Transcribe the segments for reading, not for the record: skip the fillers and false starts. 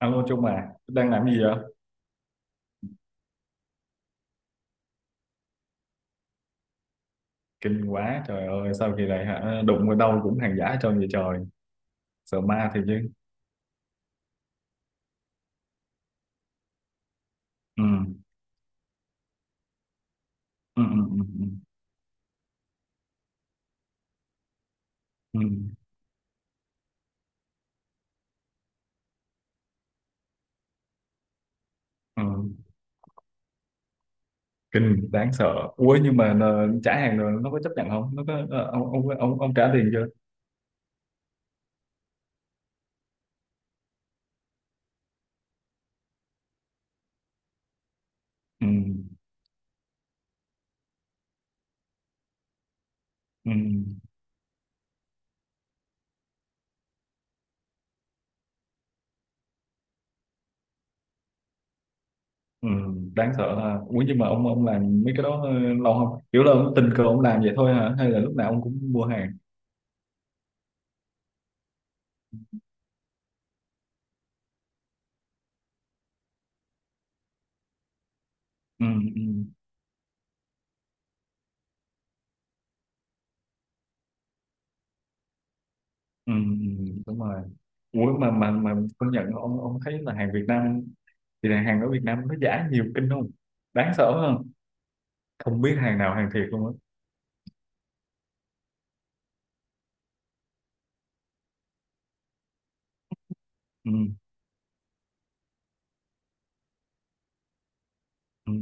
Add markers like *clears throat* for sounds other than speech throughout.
Alo Trung à, đang làm gì vậy? Kinh quá, trời ơi, sao kỳ này hả? Đụng vào đâu cũng hàng giả trơn vậy trời. Sợ ma thì chứ. Ừ, ừ, ừ, ừ, ừ, ừ. Ừ. Kinh, đáng sợ. Ủa nhưng mà trả hàng rồi nó có chấp nhận không? Nó có, ông trả tiền chưa? Ừ, ừ, ừ, đáng sợ ha. Ủa nhưng mà ông làm mấy cái đó lâu không? Kiểu là ông tình cờ ông làm vậy thôi hả? Hay là lúc nào ông cũng mua hàng? Ừ, ừ, ừ, ừ, đúng rồi. Ủa mà công nhận ông thấy là hàng Việt Nam thì là hàng ở Việt Nam nó giả nhiều kinh không? Đáng sợ hơn, không biết hàng nào hàng thiệt luôn á. Ừ, ừ,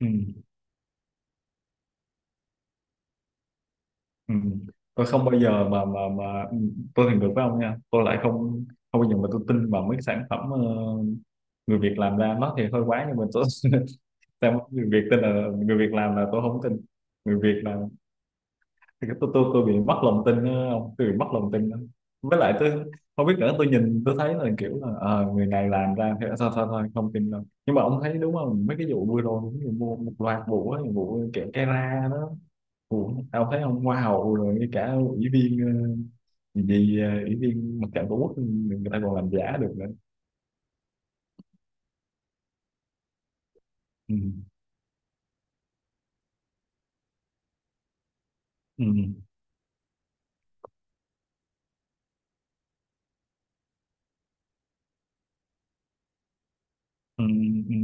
ừ, ừ. Tôi không bao giờ mà tôi thì ngược với ông nha, tôi lại không không bao giờ mà tôi tin vào mấy cái sản phẩm người Việt làm ra. Nó thì hơi quá nhưng mà tôi *laughs* sao mà người Việt tin là người Việt làm. Là tôi không tin người Việt làm thì tôi bị mất lòng tin á, ông, tôi bị mất lòng tin lắm. Với lại tôi không biết nữa, tôi nhìn tôi thấy là kiểu là người này làm ra thế sao, thôi thôi không tin đâu. Nhưng mà ông thấy đúng không, mấy cái vụ vừa rồi cũng như mua một loạt vụ á, vụ kẹo cái ra đó, vụ tao thấy ông hoa hậu rồi ngay cả ủy viên, ờ, gì gì, ờ, ủy viên mặt trận tổ quốc người ta còn làm giả được nữa. Ừ. Ừ. Ừ. Ừ.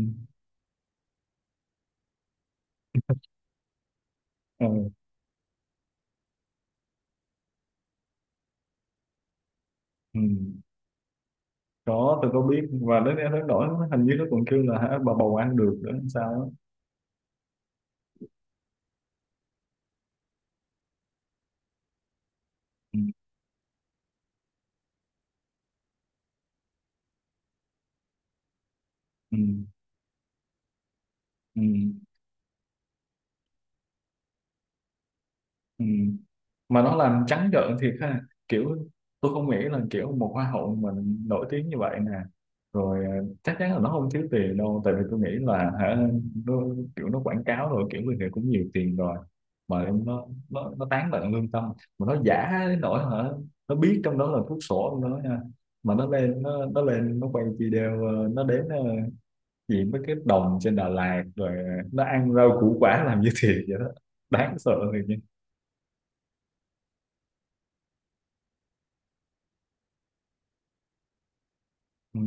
Ừ. Ừ. Có, tôi có biết, và đến đến nỗi hình như nó còn kêu là hả, bà bầu ăn được nữa hay sao á. Ừ. Ừ, ừ, ừ. Mà nó làm trắng trợn thiệt ha, kiểu tôi không nghĩ là kiểu một hoa hậu mà nổi tiếng như vậy nè rồi, chắc chắn là nó không thiếu tiền đâu. Tại vì tôi nghĩ là hả, nó, kiểu nó quảng cáo rồi kiểu người này cũng nhiều tiền rồi mà nó tán tận lương tâm, mà nó giả đến nỗi hả, nó biết trong đó là thuốc sổ trong đó nha. Mà nó lên nó lên nó quay video, nó đếm gì mấy cái đồng trên Đà Lạt rồi nó ăn rau củ quả làm như thiệt vậy đó. Đáng sợ thiệt nha. Ừ.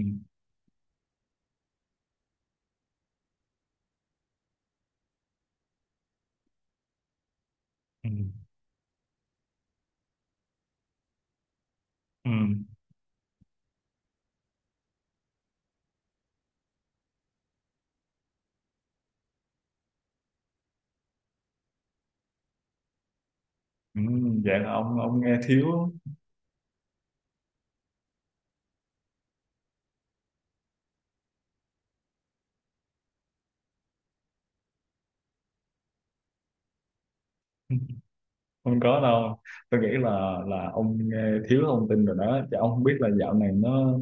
Ừ. Ừ. Ừ. Vậy là ông nghe thiếu. *laughs* Không có đâu, tôi nghĩ là ông nghe thiếu thông tin rồi đó chứ ông không biết là dạo này nó,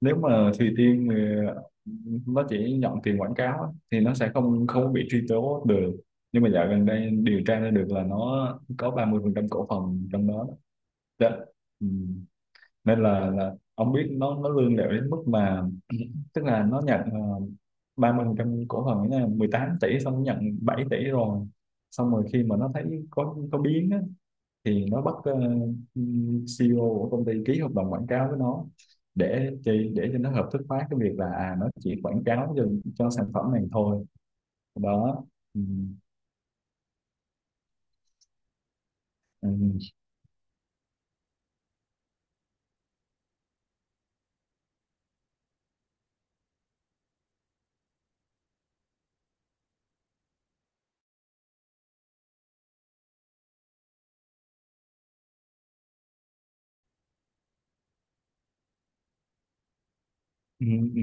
nếu mà Thùy Tiên thì nó chỉ nhận tiền quảng cáo á, thì nó sẽ không không bị truy tố được. Nhưng mà dạo gần đây điều tra ra được là nó có 30% cổ phần trong đó đó. Dạ. Ừ. Nên là ông biết nó lươn lẹo đến mức mà *clears throat* tức là nó nhận uh, 30% cổ phần ấy nha, 18 tỷ, xong nó nhận 7 tỷ rồi. Xong rồi khi mà nó thấy có biến á, thì nó bắt CEO của công ty ký hợp đồng quảng cáo với nó, để cho nó hợp thức hóa cái việc là nó chỉ quảng cáo cho sản phẩm này thôi đó. Ừ. Ừ. Ừ. Ừ.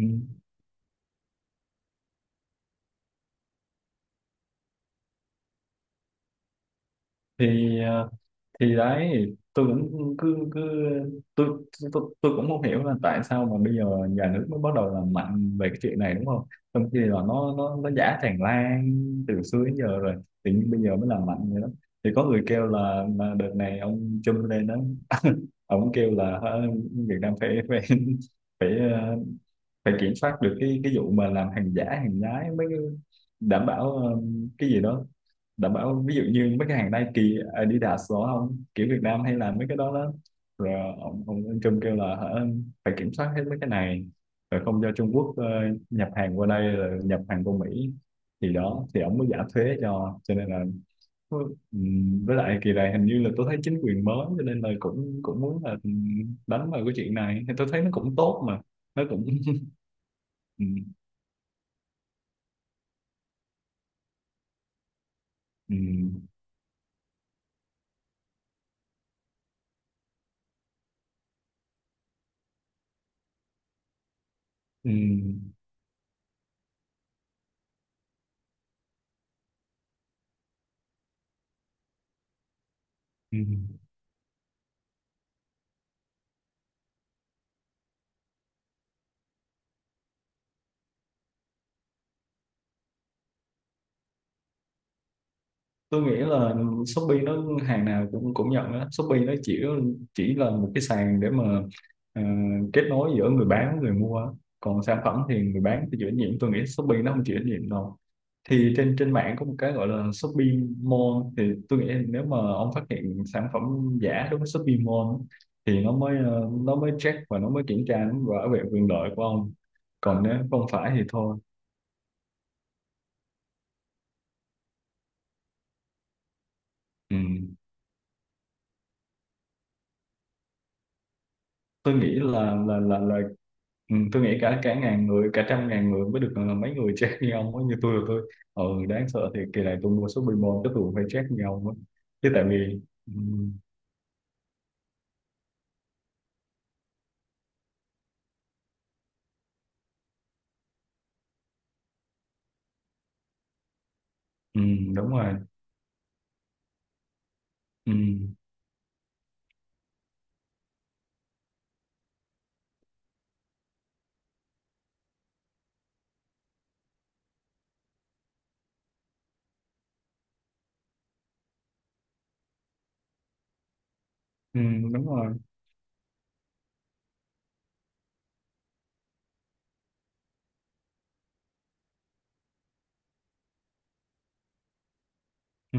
Thì thì đấy, tôi cũng cứ cứ tôi tôi cũng không hiểu là tại sao mà bây giờ nhà nước mới bắt đầu làm mạnh về cái chuyện này đúng không, trong khi là nó giả tràn lan từ xưa đến giờ rồi, tự nhiên bây giờ mới làm mạnh vậy đó. Thì có người kêu là, đợt này ông Trump lên đó. *laughs* Ông kêu là hả, Việt Nam phải phải phải phải kiểm soát được cái vụ mà làm hàng giả hàng nhái mới đảm bảo, cái gì đó, đảm bảo ví dụ như mấy cái hàng Nike Adidas đó không, kiểu Việt Nam hay là mấy cái đó đó. Rồi ông Trump kêu là hả, phải kiểm soát hết mấy cái này, rồi không cho Trung Quốc nhập hàng qua đây rồi nhập hàng qua Mỹ thì đó thì ông mới giảm thuế cho, nên là với lại kỳ này hình như là tôi thấy chính quyền mới cho nên là cũng cũng muốn là đánh vào cái chuyện này thì tôi thấy nó cũng tốt mà, nó cũng *laughs* Ừ. Ừ. Ừ. Tôi nghĩ là Shopee nó hàng nào cũng cũng nhận đó. Shopee nó chỉ là một cái sàn để mà ờ, kết nối giữa người bán với người mua á. Còn sản phẩm thì người bán thì chịu trách nhiệm, tôi nghĩ Shopee nó không chịu trách nhiệm đâu. Thì trên trên mạng có một cái gọi là Shopee Mall thì tôi nghĩ nếu mà ông phát hiện sản phẩm giả đối với Shopee Mall á, thì nó mới nó mới check và nó mới kiểm tra, nó mới bảo vệ quyền lợi của ông. Còn nếu không phải thì thôi. Ừ. Tôi nghĩ là tôi nghĩ cả cả ngàn người, cả trăm ngàn người mới được là mấy người chết như ông ấy như tôi rồi đáng sợ. Thì kỳ này tôi mua số Pokemon chắc tôi cũng phải chết như ông ấy chứ. Tại vì ừ, ừ, đúng rồi. Ừ, ừ, đúng rồi. Ừ,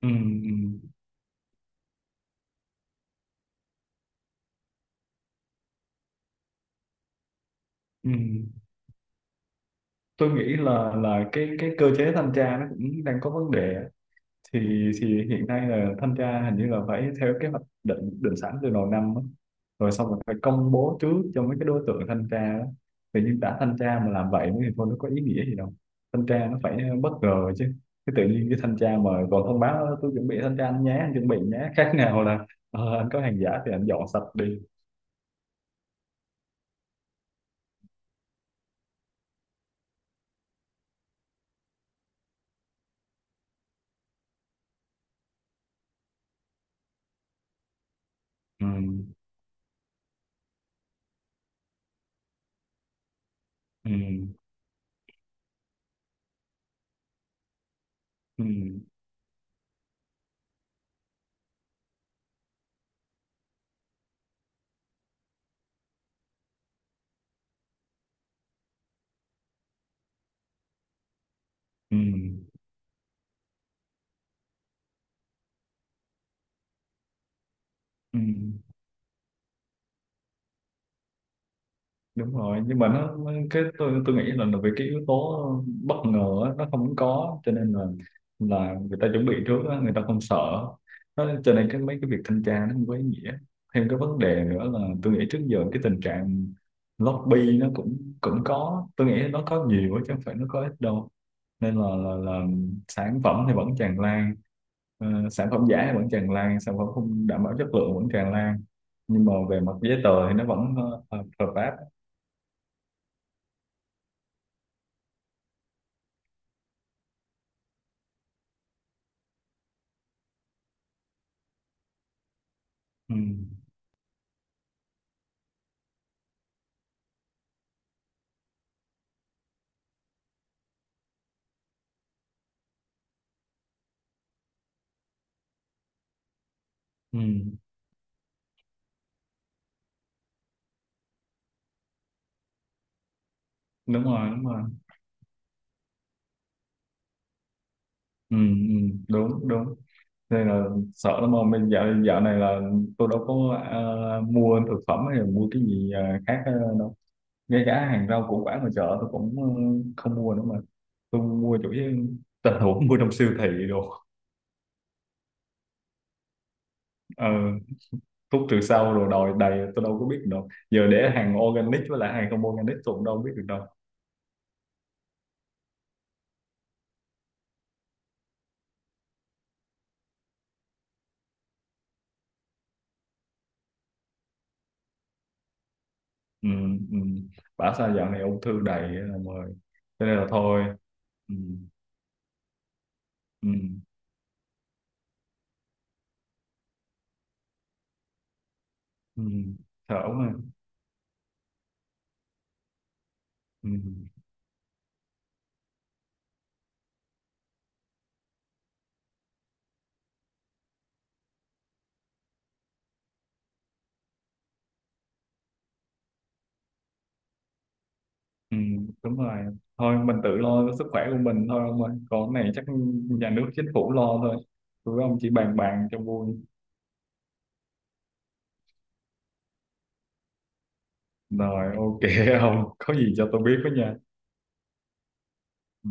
ừ, ừ, ừ. Tôi nghĩ là cái cơ chế thanh tra nó cũng đang có vấn đề. Thì hiện nay là thanh tra hình như là phải theo kế hoạch định định sẵn từ đầu năm á. Rồi xong rồi phải công bố trước cho mấy cái đối tượng thanh tra đó. Tự nhiên đã thanh tra mà làm vậy thì thôi, nó có ý nghĩa gì đâu. Thanh tra nó phải bất ngờ chứ. Cái tự nhiên cái thanh tra mà còn thông báo "Ơ, tôi chuẩn bị thanh tra anh nhé, anh chuẩn bị nhé", khác nào là "Ờ, anh có hàng giả thì anh dọn sạch đi". Ừ. Ừ. Ừ. Ừ. Ừ. Đúng rồi nhưng mà nó- cái tôi nghĩ là, vì cái yếu tố bất ngờ á, nó không có cho nên là người ta chuẩn bị trước á, người ta không sợ nó, cho nên cái mấy cái việc thanh tra nó không có ý nghĩa. Thêm cái vấn đề nữa là tôi nghĩ trước giờ cái tình trạng lobby nó cũng cũng có, tôi nghĩ nó có nhiều á, chứ không phải nó có ít đâu. Nên là sản phẩm thì vẫn tràn lan, sản phẩm giả thì vẫn tràn lan, sản phẩm không đảm bảo chất lượng vẫn tràn lan. Nhưng mà về mặt giấy tờ thì nó vẫn hợp hợp pháp. Ừ, ừ, đúng rồi, đúng rồi. Ừ, ừ, đúng đúng, nên là sợ lắm mà. Mình dạo dạo này là tôi đâu có mua thực phẩm hay là mua cái gì khác đâu. Ngay cả hàng rau củ quả mà chợ tôi cũng không mua nữa mà. Tôi mua chủ yếu tình huống mua trong siêu thị đồ. ờ, Thuốc trừ sâu rồi đòi đầy, tôi đâu có biết đâu giờ, để hàng organic với lại hàng không organic tôi cũng đâu biết được đâu. Ừ, ừ. Bảo sao dạo này ung thư đầy rồi, cho nên là thôi. Ừ, ừ. Ừ, thở mà. Ừ, ừ, đúng rồi, thôi mình tự lo cho sức khỏe của mình thôi ông ơi, còn cái này chắc nhà nước chính phủ lo thôi, tụi ông chỉ bàn bàn cho vui rồi, ok. *laughs* Ông có gì cho tôi biết với nha. Ừ.